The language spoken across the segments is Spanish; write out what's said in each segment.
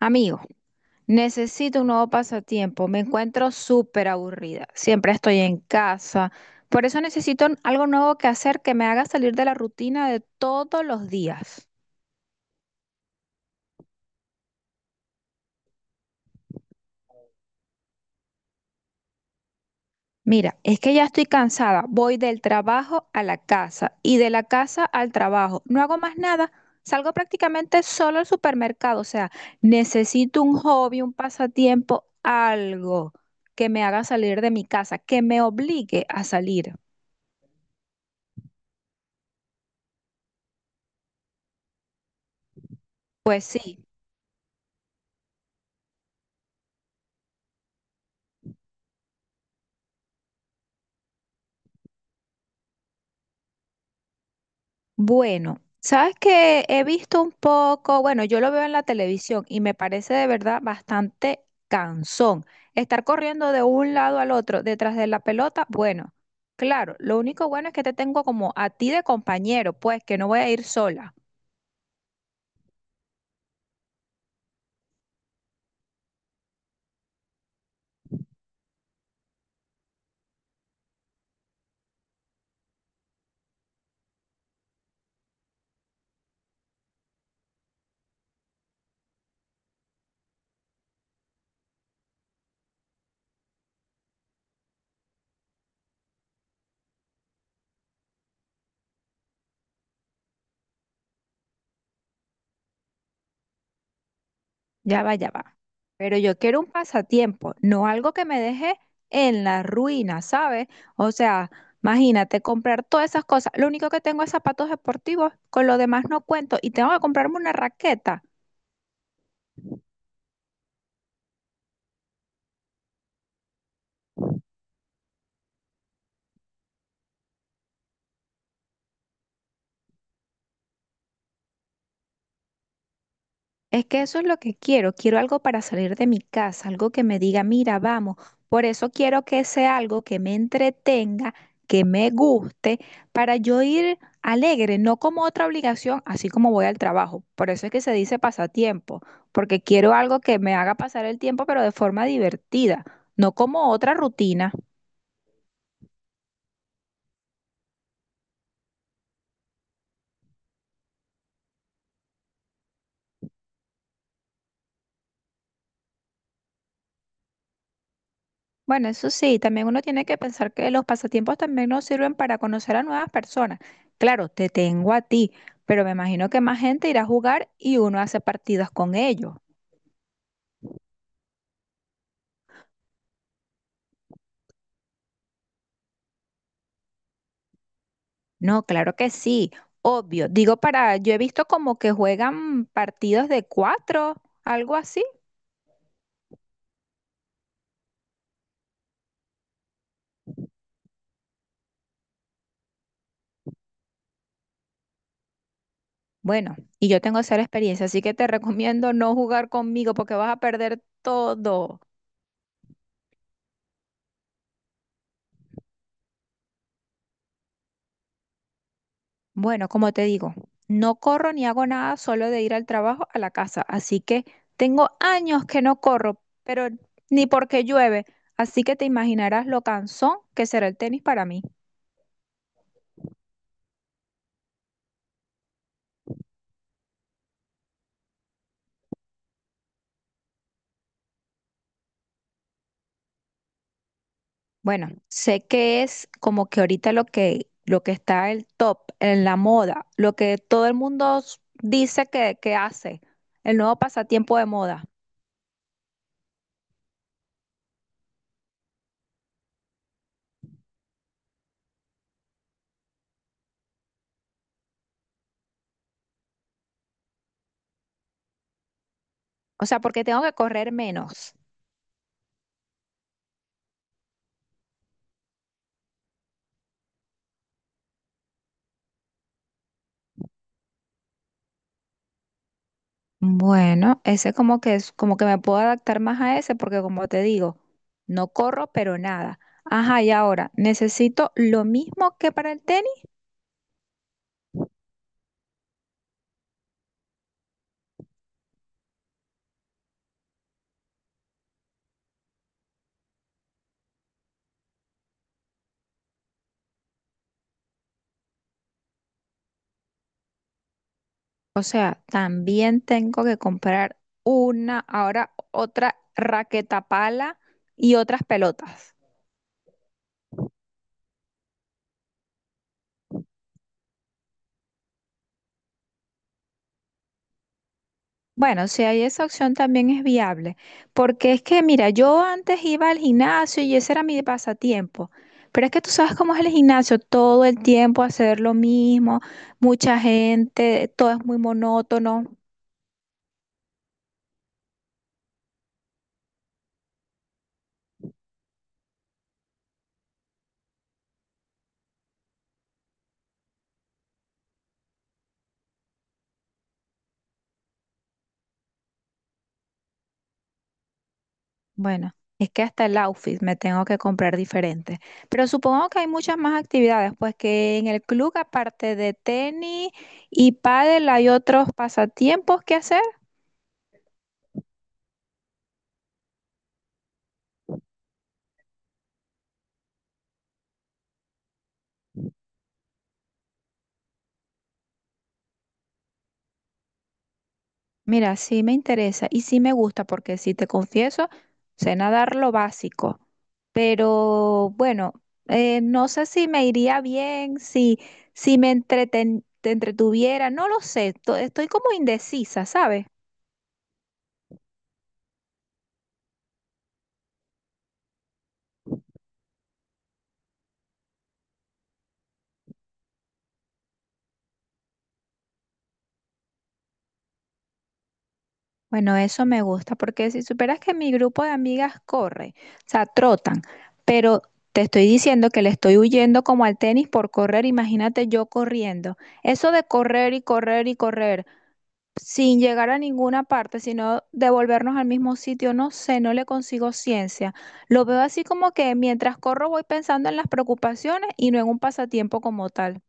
Amigo, necesito un nuevo pasatiempo. Me encuentro súper aburrida. Siempre estoy en casa. Por eso necesito algo nuevo que hacer que me haga salir de la rutina de todos los días. Mira, es que ya estoy cansada. Voy del trabajo a la casa y de la casa al trabajo. No hago más nada. Salgo prácticamente solo al supermercado. O sea, necesito un hobby, un pasatiempo, algo que me haga salir de mi casa, que me obligue a salir. Pues sí. Bueno, sabes que he visto un poco, bueno, yo lo veo en la televisión y me parece de verdad bastante cansón. Estar corriendo de un lado al otro detrás de la pelota, bueno, claro, lo único bueno es que te tengo como a ti de compañero, pues que no voy a ir sola. Ya va, ya va. Pero yo quiero un pasatiempo, no algo que me deje en la ruina, ¿sabes? O sea, imagínate comprar todas esas cosas. Lo único que tengo es zapatos deportivos, con lo demás no cuento y tengo que comprarme una raqueta. Es que eso es lo que quiero. Quiero algo para salir de mi casa, algo que me diga, mira, vamos. Por eso quiero que sea algo que me entretenga, que me guste, para yo ir alegre, no como otra obligación, así como voy al trabajo. Por eso es que se dice pasatiempo, porque quiero algo que me haga pasar el tiempo, pero de forma divertida, no como otra rutina. Bueno, eso sí, también uno tiene que pensar que los pasatiempos también nos sirven para conocer a nuevas personas. Claro, te tengo a ti, pero me imagino que más gente irá a jugar y uno hace partidas con ellos. No, claro que sí, obvio. Digo para, yo he visto como que juegan partidos de cuatro, algo así. Bueno, y yo tengo cero experiencia, así que te recomiendo no jugar conmigo porque vas a perder todo. Bueno, como te digo, no corro ni hago nada solo de ir al trabajo a la casa, así que tengo años que no corro, pero ni porque llueve, así que te imaginarás lo cansón que será el tenis para mí. Bueno, sé que es como que ahorita lo que está el top, en la moda, lo que todo el mundo dice que hace, el nuevo pasatiempo de moda. O sea, porque tengo que correr menos. Bueno, ese como que es como que me puedo adaptar más a ese porque como te digo, no corro, pero nada. Ajá, y ahora, ¿necesito lo mismo que para el tenis? O sea, también tengo que comprar una, ahora otra raqueta pala y otras pelotas. Bueno, si hay esa opción también es viable, porque es que, mira, yo antes iba al gimnasio y ese era mi pasatiempo, pero es que tú sabes cómo es el gimnasio, todo el tiempo hacer lo mismo, mucha gente, todo es muy monótono. Bueno, es que hasta el outfit me tengo que comprar diferente. Pero supongo que hay muchas más actividades, pues que en el club, aparte de tenis y pádel, hay otros pasatiempos que hacer. Mira, sí me interesa y sí me gusta porque si te confieso, sé nadar lo básico, pero bueno, no sé si me iría bien, si, si me te entretuviera, no lo sé, estoy como indecisa, ¿sabes? Bueno, eso me gusta porque si superas que mi grupo de amigas corre, o sea, trotan, pero te estoy diciendo que le estoy huyendo como al tenis por correr, imagínate yo corriendo. Eso de correr y correr y correr. Sin llegar a ninguna parte, sino devolvernos al mismo sitio, no sé, no le consigo ciencia. Lo veo así como que mientras corro voy pensando en las preocupaciones y no en un pasatiempo como tal.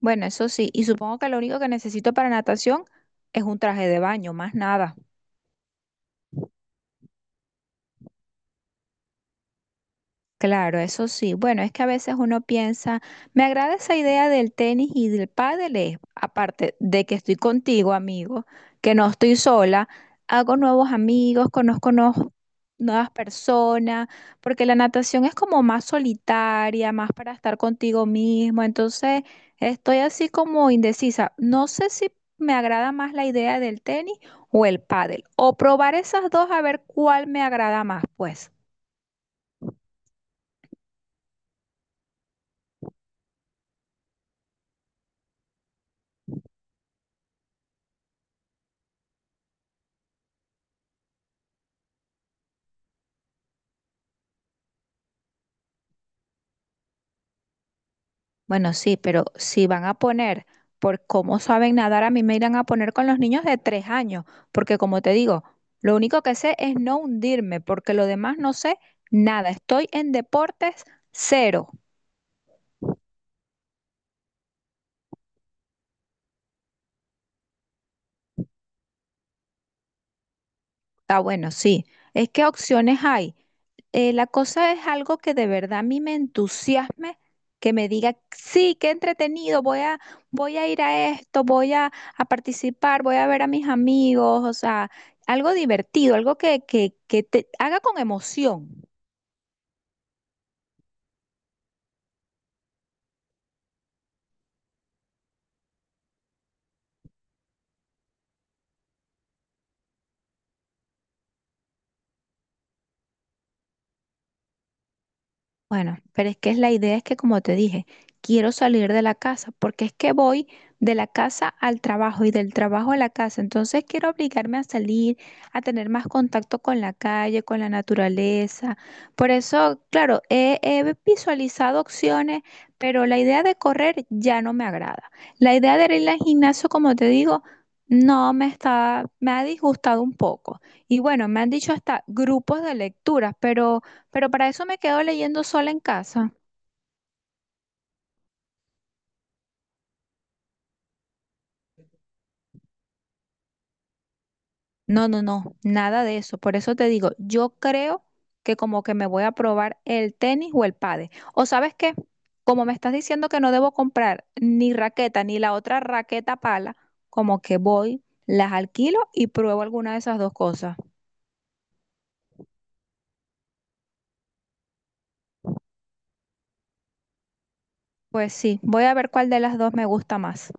Bueno, eso sí, y supongo que lo único que necesito para natación es un traje de baño, más nada. Claro, eso sí. Bueno, es que a veces uno piensa, me agrada esa idea del tenis y del pádel, es, aparte de que estoy contigo, amigo, que no estoy sola, hago nuevos amigos, conozco nuevos nuevas personas, porque la natación es como más solitaria, más para estar contigo mismo. Entonces, estoy así como indecisa. No sé si me agrada más la idea del tenis o el pádel, o probar esas dos a ver cuál me agrada más, pues. Bueno, sí, pero si van a poner por cómo saben nadar, a mí me irán a poner con los niños de 3 años, porque como te digo, lo único que sé es no hundirme, porque lo demás no sé nada. Estoy en deportes cero. Ah, bueno, sí. Es que opciones hay. La cosa es algo que de verdad a mí me entusiasme, que me diga, sí, qué entretenido, voy a ir a esto, a participar, voy a ver a mis amigos, o sea, algo divertido, algo que te haga con emoción. Bueno, pero es que es la idea es que como te dije, quiero salir de la casa, porque es que voy de la casa al trabajo y del trabajo a la casa, entonces quiero obligarme a salir, a tener más contacto con la calle, con la naturaleza. Por eso, claro, he visualizado opciones, pero la idea de correr ya no me agrada. La idea de ir al gimnasio, como te digo, no me está, me ha disgustado un poco. Y bueno, me han dicho hasta grupos de lecturas, pero para eso me quedo leyendo sola en casa. No, no, no, nada de eso. Por eso te digo, yo creo que como que me voy a probar el tenis o el pádel. O sabes qué, como me estás diciendo que no debo comprar ni raqueta ni la otra raqueta pala, como que voy, las alquilo y pruebo alguna de esas dos cosas. Pues sí, voy a ver cuál de las dos me gusta más.